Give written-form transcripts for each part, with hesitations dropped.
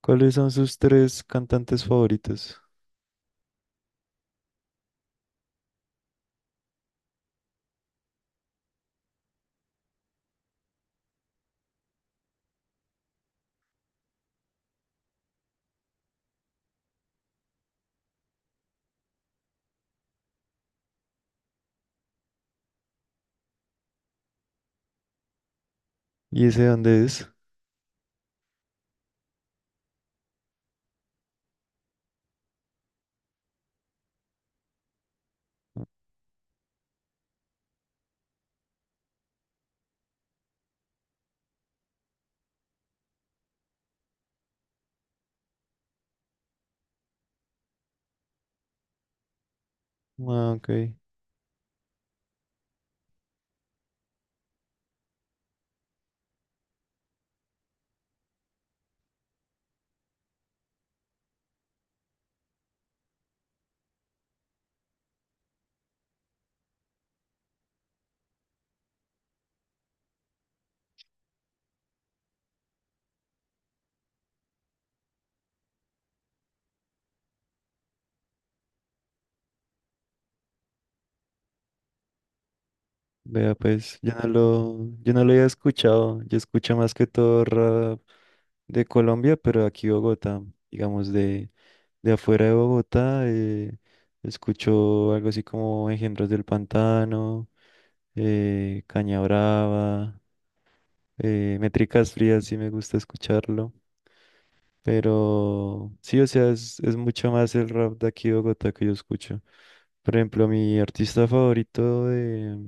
¿Cuáles son sus tres cantantes favoritos? ¿Y ese dónde es? Ah, ok. Vea, pues, yo no lo había escuchado. Yo escucho más que todo rap de Colombia, pero aquí Bogotá, digamos, de afuera de Bogotá, escucho algo así como Engendros del Pantano, Caña Brava, Métricas Frías, sí me gusta escucharlo. Pero sí, o sea, es mucho más el rap de aquí de Bogotá que yo escucho. Por ejemplo, mi artista favorito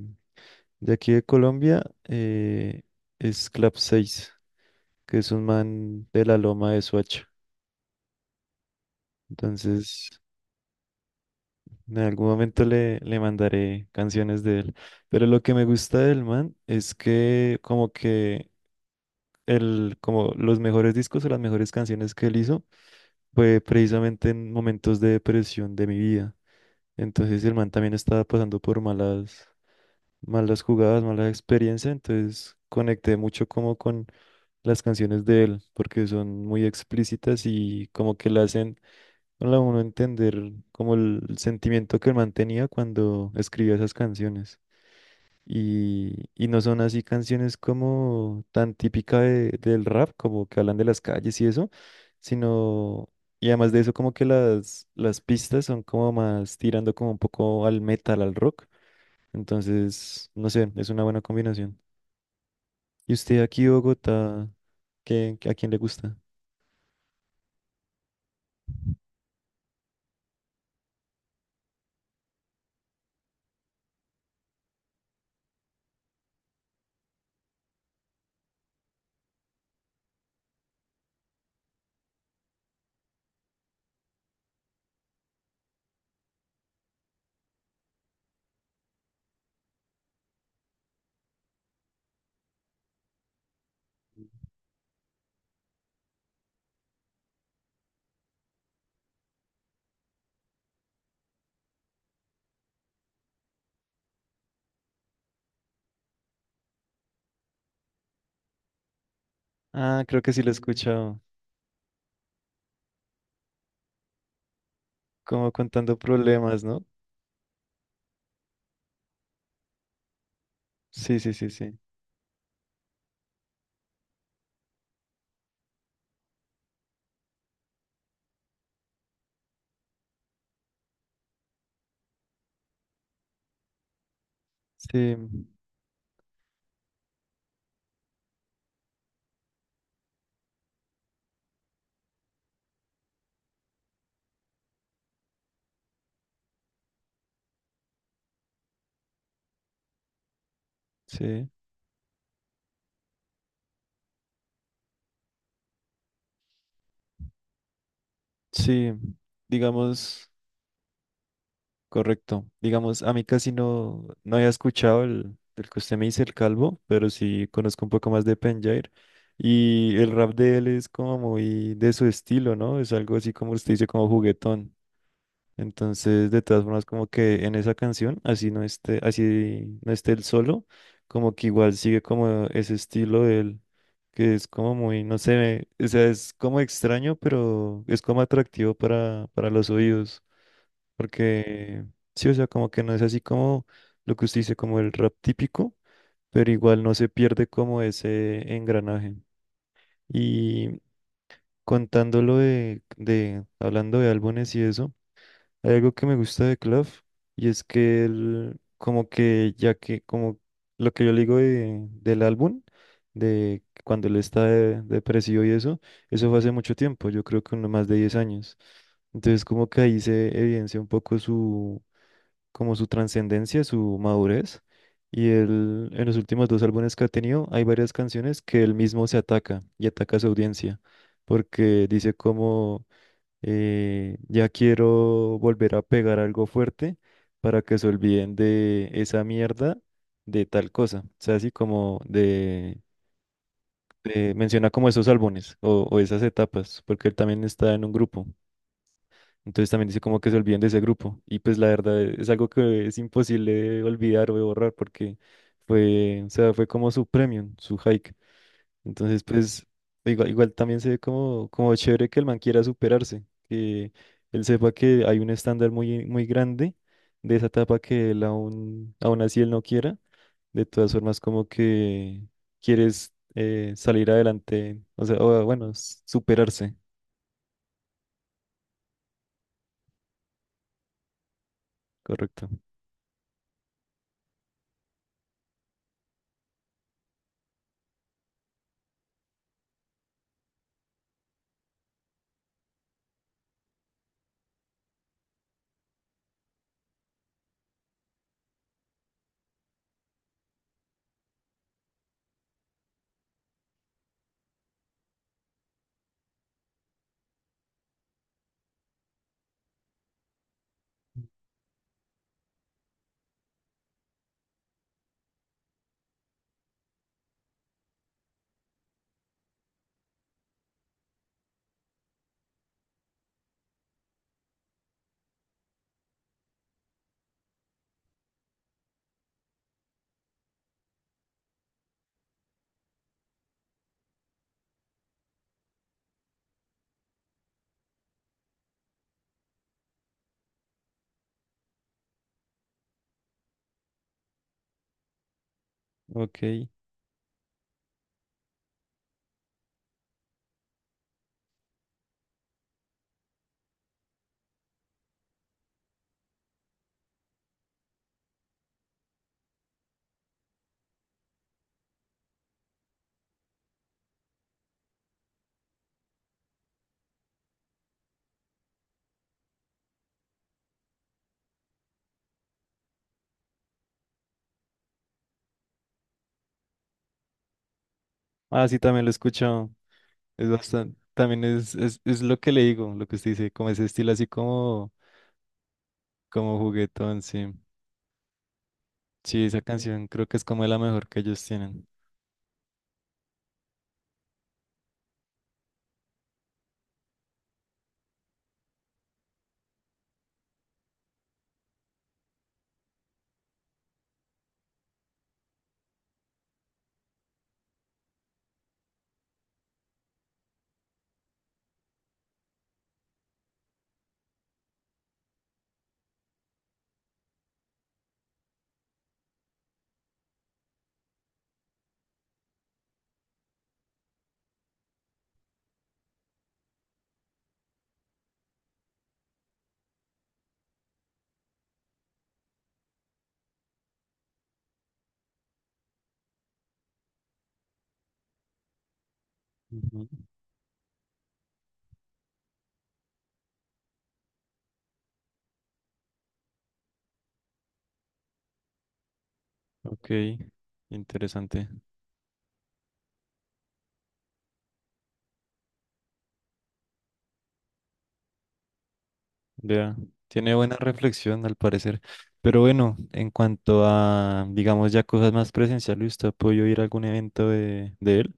de aquí de Colombia, eh, es Clap 6, que es un man de la Loma de Soacha. Entonces, en algún momento le mandaré canciones de él. Pero lo que me gusta del man es que como que como los mejores discos o las mejores canciones que él hizo fue precisamente en momentos de depresión de mi vida. Entonces el man también estaba pasando por malas jugadas, malas experiencias. Entonces conecté mucho como con las canciones de él, porque son muy explícitas y como que le hacen a uno entender como el sentimiento que el man tenía cuando escribía esas canciones. Y no son así canciones como tan típica del rap, como que hablan de las calles y eso, sino, y además de eso, como que las pistas son como más tirando como un poco al metal, al rock. Entonces, no sé, es una buena combinación. ¿Y usted aquí, Bogotá, qué, a quién le gusta? Ah, creo que sí lo he escuchado, como contando problemas, ¿no? Sí, sí, sí, sí. Sí, sí, sí. Digamos. Correcto. Digamos, a mí casi no, no había escuchado el, del que usted me dice, el Calvo, pero sí conozco un poco más de Penjair. Y el rap de él es como muy de su estilo, ¿no? Es algo así como usted dice, como juguetón. Entonces, de todas formas, como que en esa canción, así no esté él solo, como que igual sigue como ese estilo de él, que es como muy, no sé, o sea, es como extraño, pero es como atractivo para los oídos. Porque sí, o sea, como que no es así como lo que usted dice, como el rap típico, pero igual no se pierde como ese engranaje. Y contándolo hablando de álbumes y eso, hay algo que me gusta de Clef y es que él, como que ya que, como lo que yo le digo del álbum, de cuando él está depresivo y eso fue hace mucho tiempo, yo creo que uno más de 10 años. Entonces como que ahí se evidencia un poco su como su trascendencia, su madurez. Y él, en los últimos dos álbumes que ha tenido, hay varias canciones que él mismo se ataca y ataca a su audiencia, porque dice como, ya quiero volver a pegar algo fuerte para que se olviden de esa mierda, de tal cosa. O sea, así como de, menciona como esos álbumes o esas etapas, porque él también está en un grupo. Entonces también dice como que se olviden de ese grupo. Y pues la verdad es algo que es imposible de olvidar o de borrar porque fue, o sea, fue como su premium, su hike. Entonces pues igual, igual también se ve como, como chévere que el man quiera superarse, que él sepa que hay un estándar muy, muy grande de esa etapa que él aún, aún así él no quiera. De todas formas como que quieres salir adelante, o sea, o, bueno, superarse, correcto. Ok. Ah, sí, también lo he escuchado. Es bastante, también es lo que le digo, lo que usted dice, como ese estilo así como, como juguetón, sí. Sí, esa Sí. canción creo que es como la mejor que ellos tienen. Ujú. Ok, interesante. Vea, tiene buena reflexión al parecer. Pero bueno, en cuanto a, digamos, ya cosas más presenciales, ¿usted apoyó ir a algún evento de él?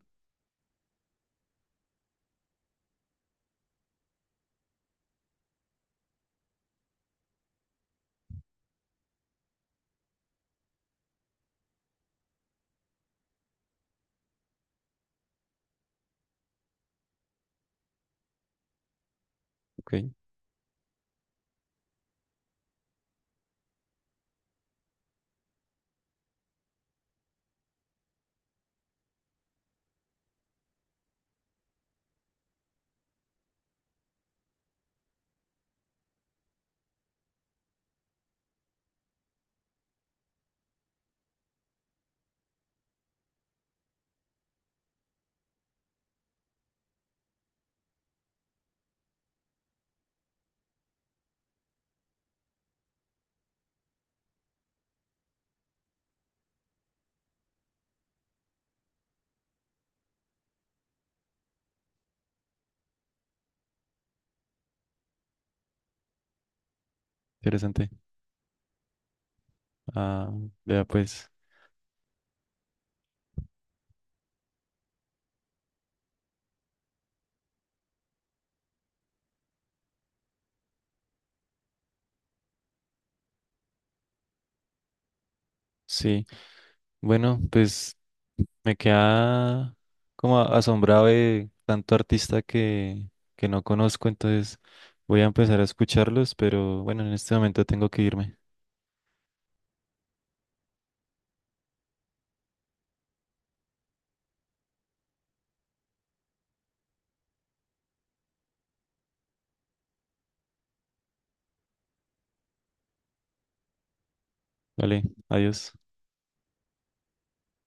Ok, interesante. Ah, vea pues, sí. Bueno, pues me queda como asombrado de tanto artista que no conozco, entonces voy a empezar a escucharlos, pero bueno, en este momento tengo que irme. Vale, adiós.